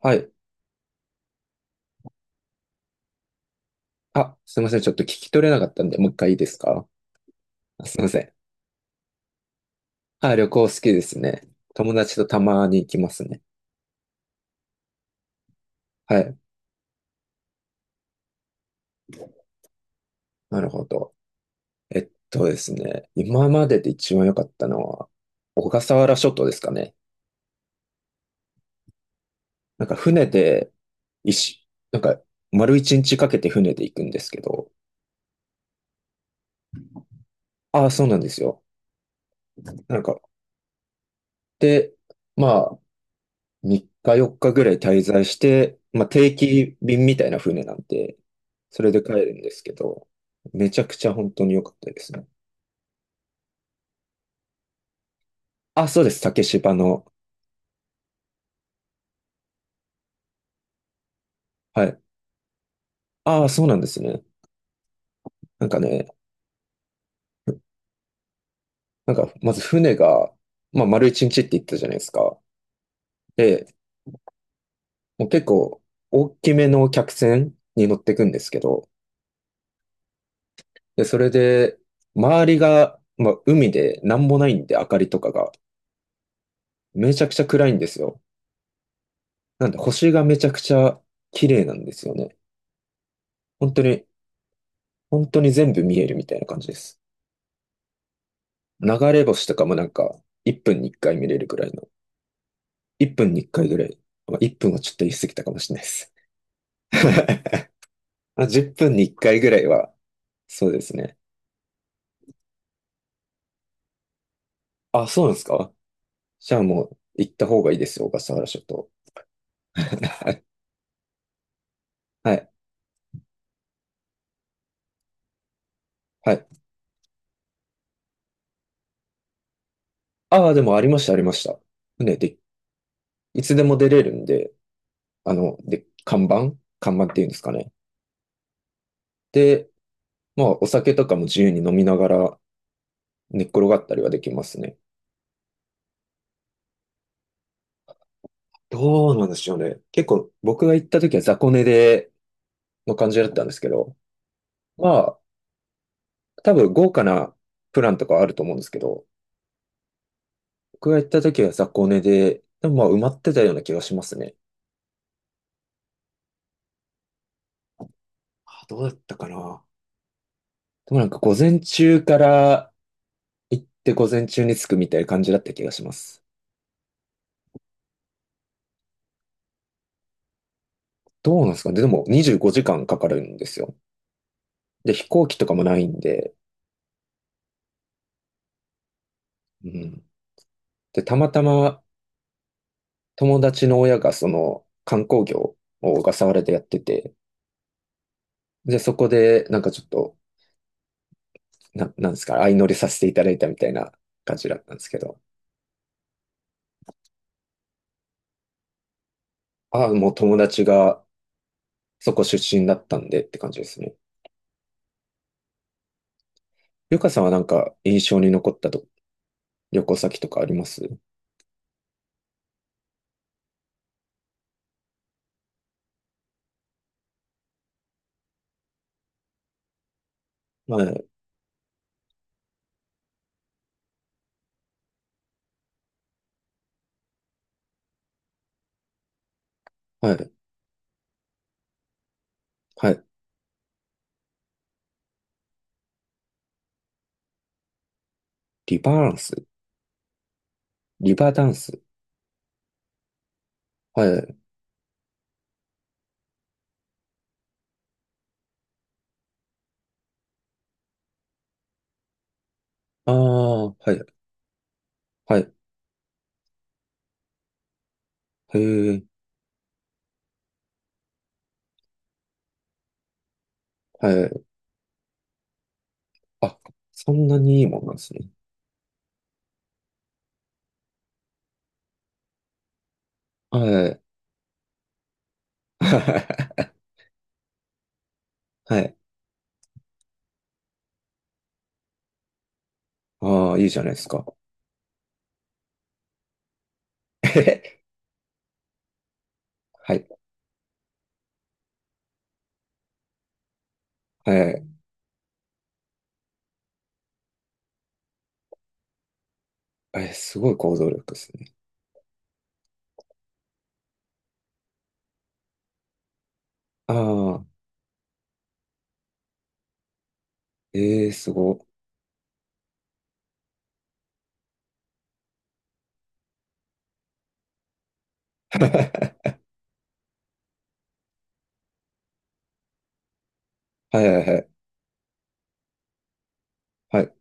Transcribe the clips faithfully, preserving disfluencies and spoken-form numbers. はい。あ、すいません。ちょっと聞き取れなかったんで、もう一回いいですか？あ、すいません。あ、旅行好きですね。友達とたまに行きますね。はい。なるほど。えっとですね。今までで一番良かったのは、小笠原諸島ですかね。なんか船で、一し、なんか丸一日かけて船で行くんですけど。ああ、そうなんですよ。なんか、で、まあ、さんにちよっかぐらい滞在して、まあ、定期便みたいな船なんで、それで帰るんですけど、めちゃくちゃ本当に良かったですね。あ、そうです。竹芝の。はい。ああ、そうなんですね。なんかね、なんか、まず船が、まあ、丸一日って言ったじゃないですか。で、もう結構、大きめの客船に乗ってくんですけど、で、それで、周りが、まあ、海でなんもないんで、明かりとかが、めちゃくちゃ暗いんですよ。なんで星がめちゃくちゃ綺麗なんですよね。本当に、本当に全部見えるみたいな感じです。流れ星とかもなんか、いっぷんにいっかい見れるぐらいの、いっぷんにいっかいぐらい、まあ、いっぷんはちょっと言い過ぎたかもしれないです。まあじゅっぷんにいっかいぐらいは、そうですね。あ、そうなんですか？じゃあもう行った方がいいですよ、小笠原諸島。はい。はい。ああ、でもありました、ありました。ね、で、いつでも出れるんで、あの、で、看板看板っていうんですかね。で、まあ、お酒とかも自由に飲みながら寝っ転がったりはできますね。どうなんでしょうね。結構僕が行った時は雑魚寝での感じだったんですけど、まあ、多分豪華なプランとかはあると思うんですけど、僕が行った時は雑魚寝で、でもまあ埋まってたような気がしますね。あ、どうだったかな。でもなんか午前中から行って午前中に着くみたいな感じだった気がします。どうなんですかね。でもにじゅうごじかんかんかかるんですよ。で、飛行機とかもないんで、うん。で、たまたま友達の親がその観光業を小笠原でやってて、で、そこでなんかちょっと、な、なんですか、相乗りさせていただいたみたいな感じだったんですけど、ああ、もう友達がそこ出身だったんでって感じですね。ゆかさんはなんか印象に残ったと旅行先とかあります？はい、はい、はい。リバーンス、リバーダンス。はい。ああ、はい、はい。へえ、はい。あ、そんなにいいもんなんですね。はい。はい。ああ、いいじゃないですか。えはい。はい。え、すごい行動力ですね。ああ、ええ、すご。はいはいはい。はい。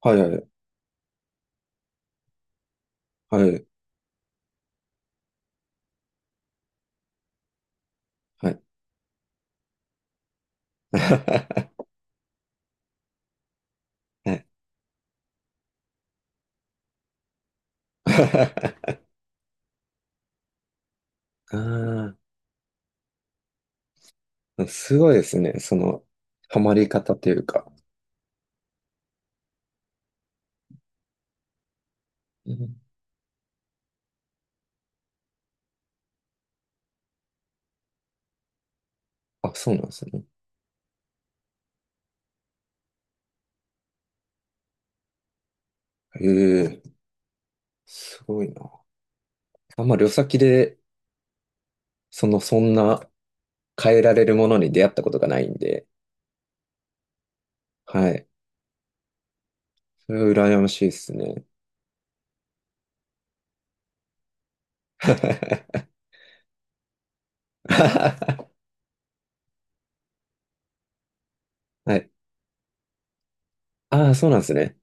はいはいはい。はい。はい。はい。ああ、すごいですね。その、ハマり方というか。うん、あ、そうなんですね。ええ、すごいな。あんま旅先で、その、そんな変えられるものに出会ったことがないんで、はい。それは羨ましいですね。はい。ああ、そうなんですね。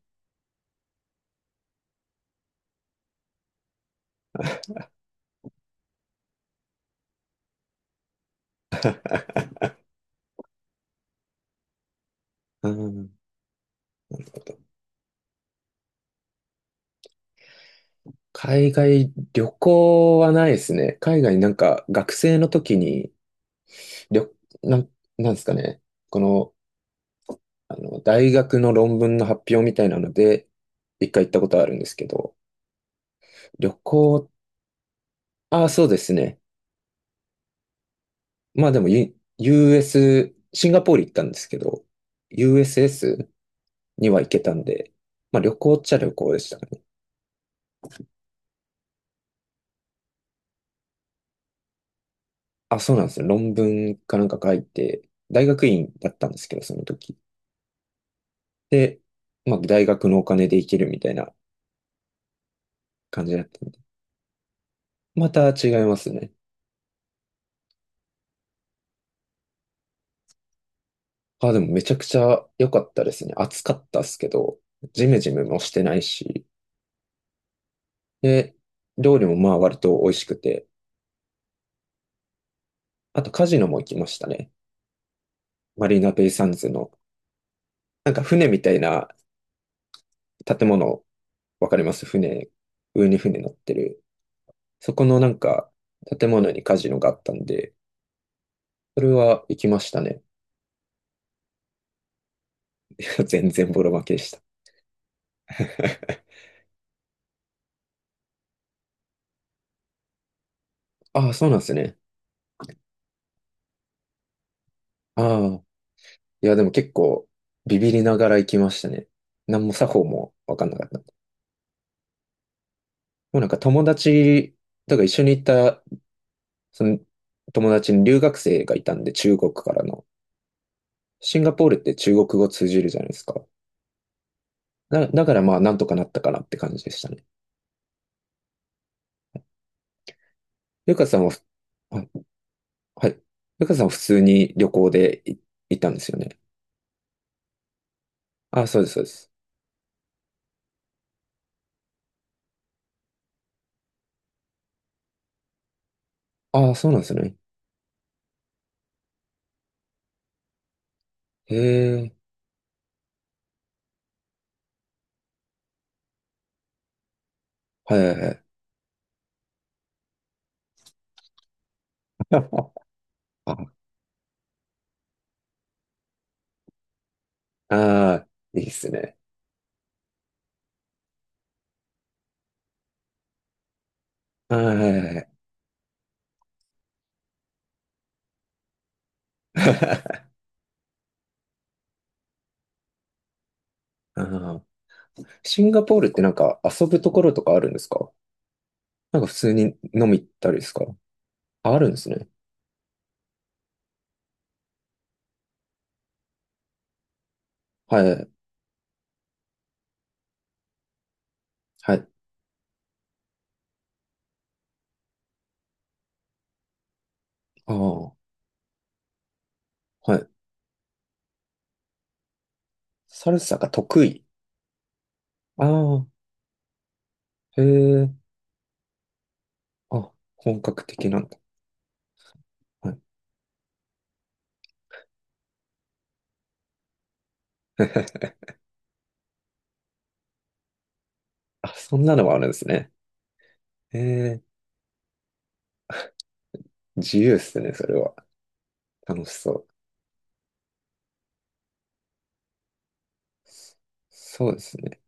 うん、なるほど。海外旅行はないですね。海外なんか学生の時に、旅、なん、なんですかね。この、あの、大学の論文の発表みたいなので、一回行ったことあるんですけど、旅行、ああ、そうですね。まあでも、U、ユーエス、シンガポール行ったんですけど、ユーエスエス には行けたんで、まあ旅行っちゃ旅行でしたね。あ、そうなんですよ。論文かなんか書いて、大学院だったんですけど、その時。で、まあ、大学のお金で行けるみたいな感じだったんで。また違いますね。あ、でもめちゃくちゃ良かったですね。暑かったっすけど、ジメジメもしてないし。で、料理もまあ割と美味しくて。あとカジノも行きましたね。マリーナベイサンズの、なんか船みたいな建物、わかります船、上に船乗ってる。そこのなんか建物にカジノがあったんで、それは行きましたね。全然ボロ負けでした。ああ、そうなんですね。ああ、いや、でも結構ビビりながら行きましたね。何も作法もわかんなかった。もうなんか友達、だから一緒に行った、その友達に留学生がいたんで、中国からの。シンガポールって中国語通じるじゃないですか。だ、だからまあなんとかなったかなって感じでしたね。ゆかさんは、あ、はい。ゆかさんは普通に旅行でい行ったんですよね。ああ、そうです、そうです。ああ、そうなんですね。へえ。はいはいはい。ああー、いいっすね。はいはいはい。あー、シンガポールってなんか遊ぶところとかあるんですか？なんか普通に飲み行ったりですか？あ、あるんですね。はい、はい。ああ、はい。サルサが得意。ああ、へえ。あ、本格的なんだ。はい。あ、そんなのもあるんですね。へえ、自由っすね、それは。楽しそう。そうですね。